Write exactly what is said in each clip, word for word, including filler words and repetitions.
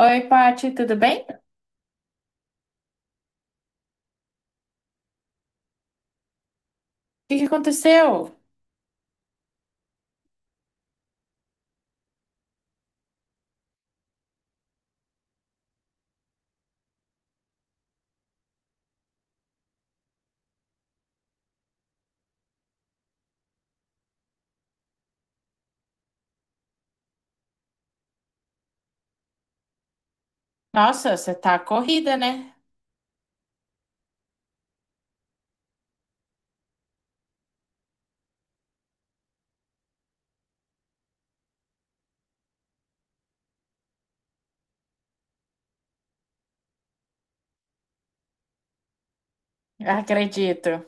Oi, Paty, tudo bem? O que que aconteceu? Nossa, você tá corrida, né? Acredito,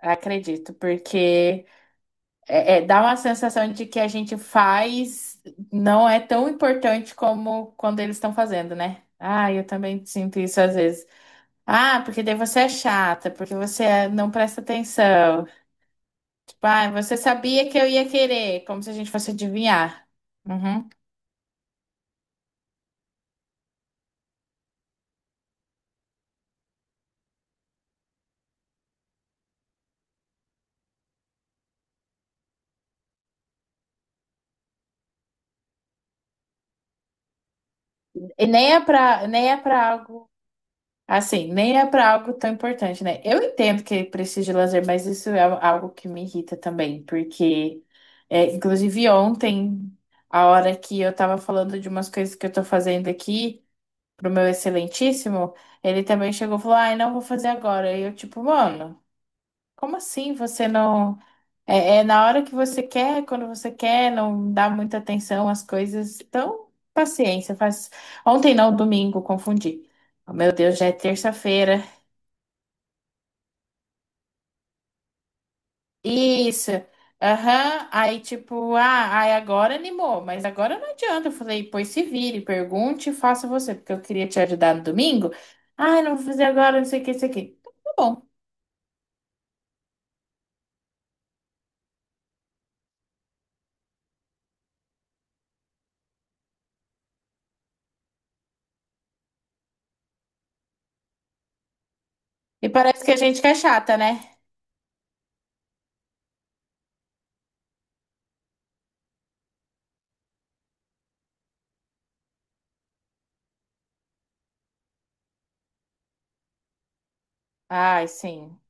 acredito, porque é, é, dá uma sensação de que a gente faz não é tão importante como quando eles estão fazendo, né? Ah, eu também sinto isso às vezes. Ah, porque daí você é chata, porque você é- não presta atenção. Tipo, ah, você sabia que eu ia querer, como se a gente fosse adivinhar. Uhum. E nem é pra, nem é pra algo. Assim, nem é para algo tão importante, né? Eu entendo que precisa de lazer, mas isso é algo que me irrita também, porque, é, inclusive, ontem, a hora que eu tava falando de umas coisas que eu tô fazendo aqui pro meu excelentíssimo, ele também chegou e falou: ai, não vou fazer agora. E eu, tipo, mano, como assim você não. É, é na hora que você quer, quando você quer, não dá muita atenção às coisas. Então, paciência, faz. Ontem não, domingo, confundi. Meu Deus, já é terça-feira. Isso. Aham. Aí, tipo, ah, aí agora animou, mas agora não adianta. Eu falei, pois se vire, pergunte e faça você, porque eu queria te ajudar no domingo. Ah, não vou fazer agora, não sei o que, isso aqui. Tá bom. E parece que a gente que é chata, né? Ai, sim.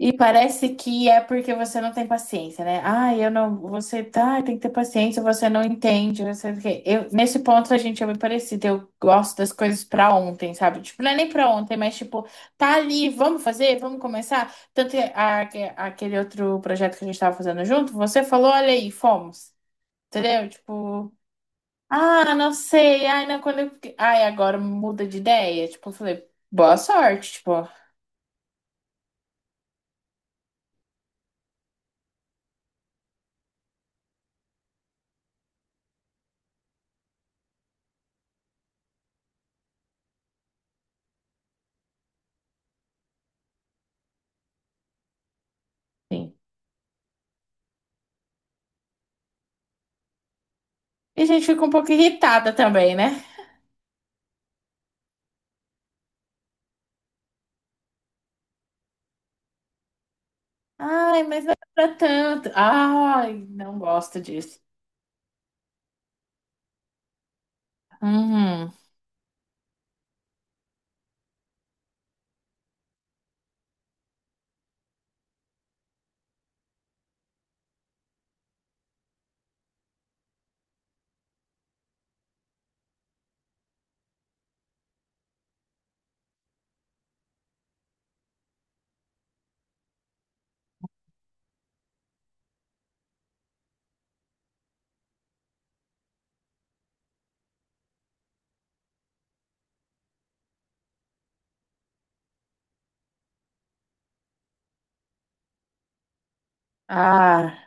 E parece que é porque você não tem paciência, né? Ah, eu não. Você tá, tem que ter paciência, você não entende, você. Não sei o quê. Eu, nesse ponto a gente é bem parecido. Eu gosto das coisas pra ontem, sabe? Tipo, não é nem pra ontem, mas tipo, tá ali, vamos fazer, vamos começar. Tanto que a- aquele outro projeto que a gente tava fazendo junto, você falou, olha aí, fomos. Entendeu? Tipo, ah, não sei, ai, não, quando eu. Ai, agora muda de ideia. Tipo, eu falei, boa sorte, tipo, sim. E a gente fica um pouco irritada também, né? Ai, mas não é pra tanto. Ai, não gosto disso. Hum. Ah.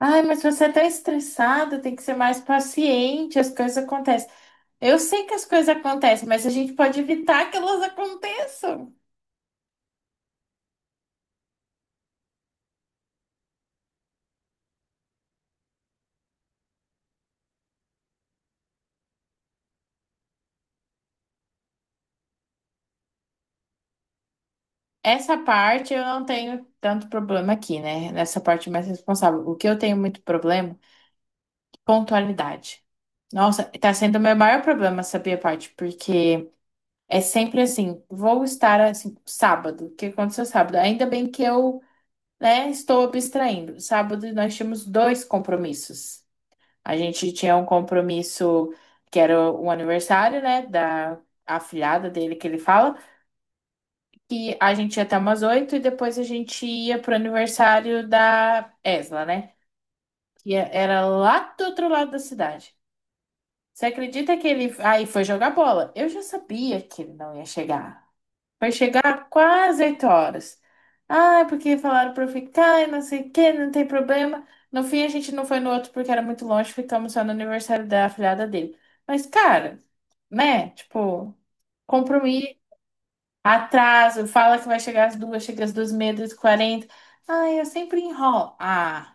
Ai, mas você tá estressado, tem que ser mais paciente, as coisas acontecem. Eu sei que as coisas acontecem, mas a gente pode evitar que elas aconteçam. Essa parte eu não tenho tanto problema aqui, né? Nessa parte mais responsável. O que eu tenho muito problema, é pontualidade. Nossa, tá sendo o meu maior problema, sabia, parte? Porque é sempre assim, vou estar assim, sábado. O que aconteceu sábado? Ainda bem que eu, né, estou abstraindo. Sábado nós tínhamos dois compromissos. A gente tinha um compromisso que era o aniversário, né, da afilhada dele que ele fala, que a gente ia até umas oito e depois a gente ia pro aniversário da Esla, né? Que era lá do outro lado da cidade. Você acredita que ele aí foi jogar bola? Eu já sabia que ele não ia chegar. Vai chegar quase oito horas. Ah, porque falaram pra eu ficar e não sei o que, não tem problema. No fim, a gente não foi no outro porque era muito longe, ficamos só no aniversário da afilhada dele. Mas, cara, né? Tipo, compromisso, atraso, fala que vai chegar às duas, chega às duas e meia, duas e quarenta. Ai, eu sempre enrolo. Ah,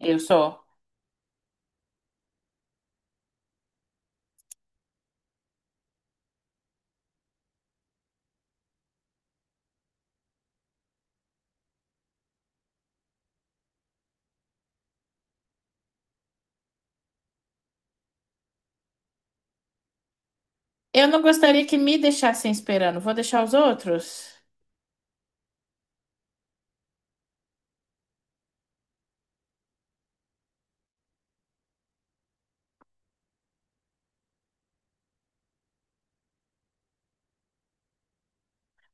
eu sou. Eu não gostaria que me deixassem esperando. Vou deixar os outros?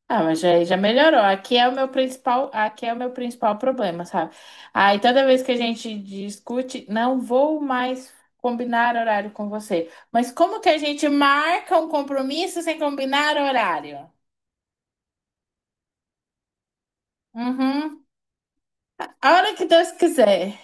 Ah, mas já, já melhorou. Aqui é o meu principal, aqui é o meu principal problema, sabe? Aí toda vez que a gente discute, não vou mais combinar horário com você. Mas como que a gente marca um compromisso sem combinar horário? Uhum. A hora que Deus quiser.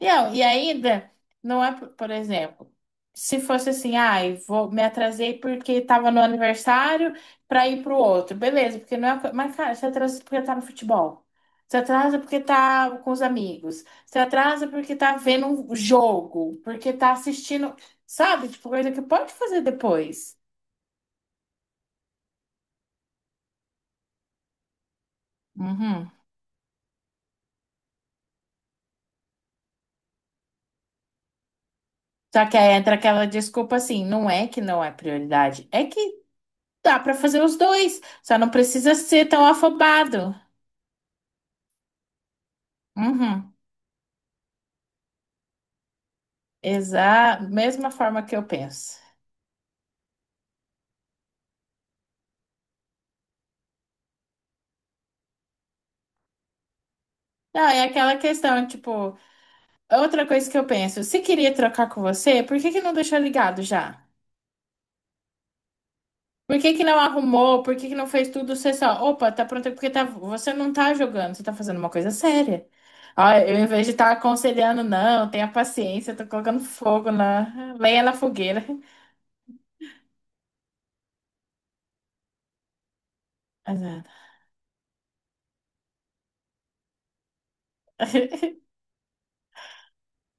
E eu e ainda, não é, por por exemplo, se fosse assim, ai, vou, me atrasei porque tava no aniversário pra ir pro outro. Beleza, porque não é. co- Mas, cara, você atrasa porque tá no futebol. Você atrasa porque tá com os amigos. Você atrasa porque tá vendo um jogo. Porque tá assistindo. Sabe? Tipo, coisa que pode fazer depois. Uhum. Só que aí entra aquela desculpa assim, não é que não é prioridade, é que dá pra fazer os dois, só não precisa ser tão afobado. Uhum. Exa, mesma forma que eu penso. Não, é aquela questão, tipo, outra coisa que eu penso, se queria trocar com você, por que que não deixou ligado já? Por que que não arrumou? Por que que não fez tudo? Você só, opa, tá pronto, é porque tá, você não tá jogando, você tá fazendo uma coisa séria. Ó, eu, em vez de estar aconselhando, não, tenha paciência, tô colocando fogo na lenha na fogueira. Exato.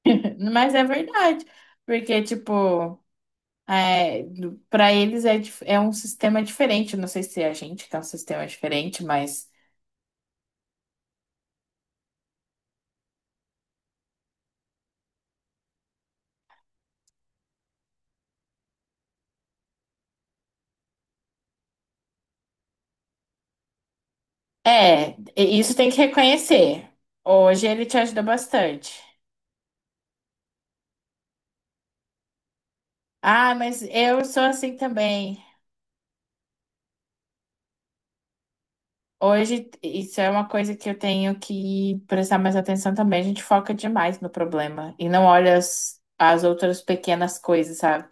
Mas é verdade, porque, tipo. É, para eles é, dif- é um sistema diferente. Não sei se é a gente que é um sistema diferente, mas é, e- isso tem que reconhecer. Hoje ele te ajuda bastante. Ah, mas eu sou assim também. Hoje, isso é uma coisa que eu tenho que prestar mais atenção também. A gente foca demais no problema e não olha as, as outras pequenas coisas, sabe?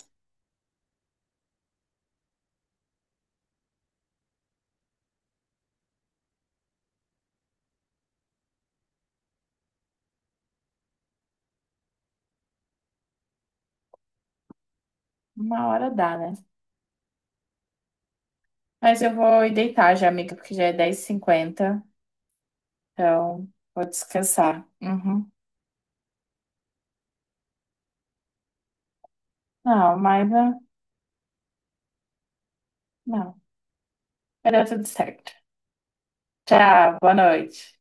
Uma hora dá, né? Mas eu vou ir deitar já, amiga, porque já é dez e cinquenta. Então, vou descansar. Uhum. Não, mas ah, não. Vai dar tudo certo. Tchau, boa noite.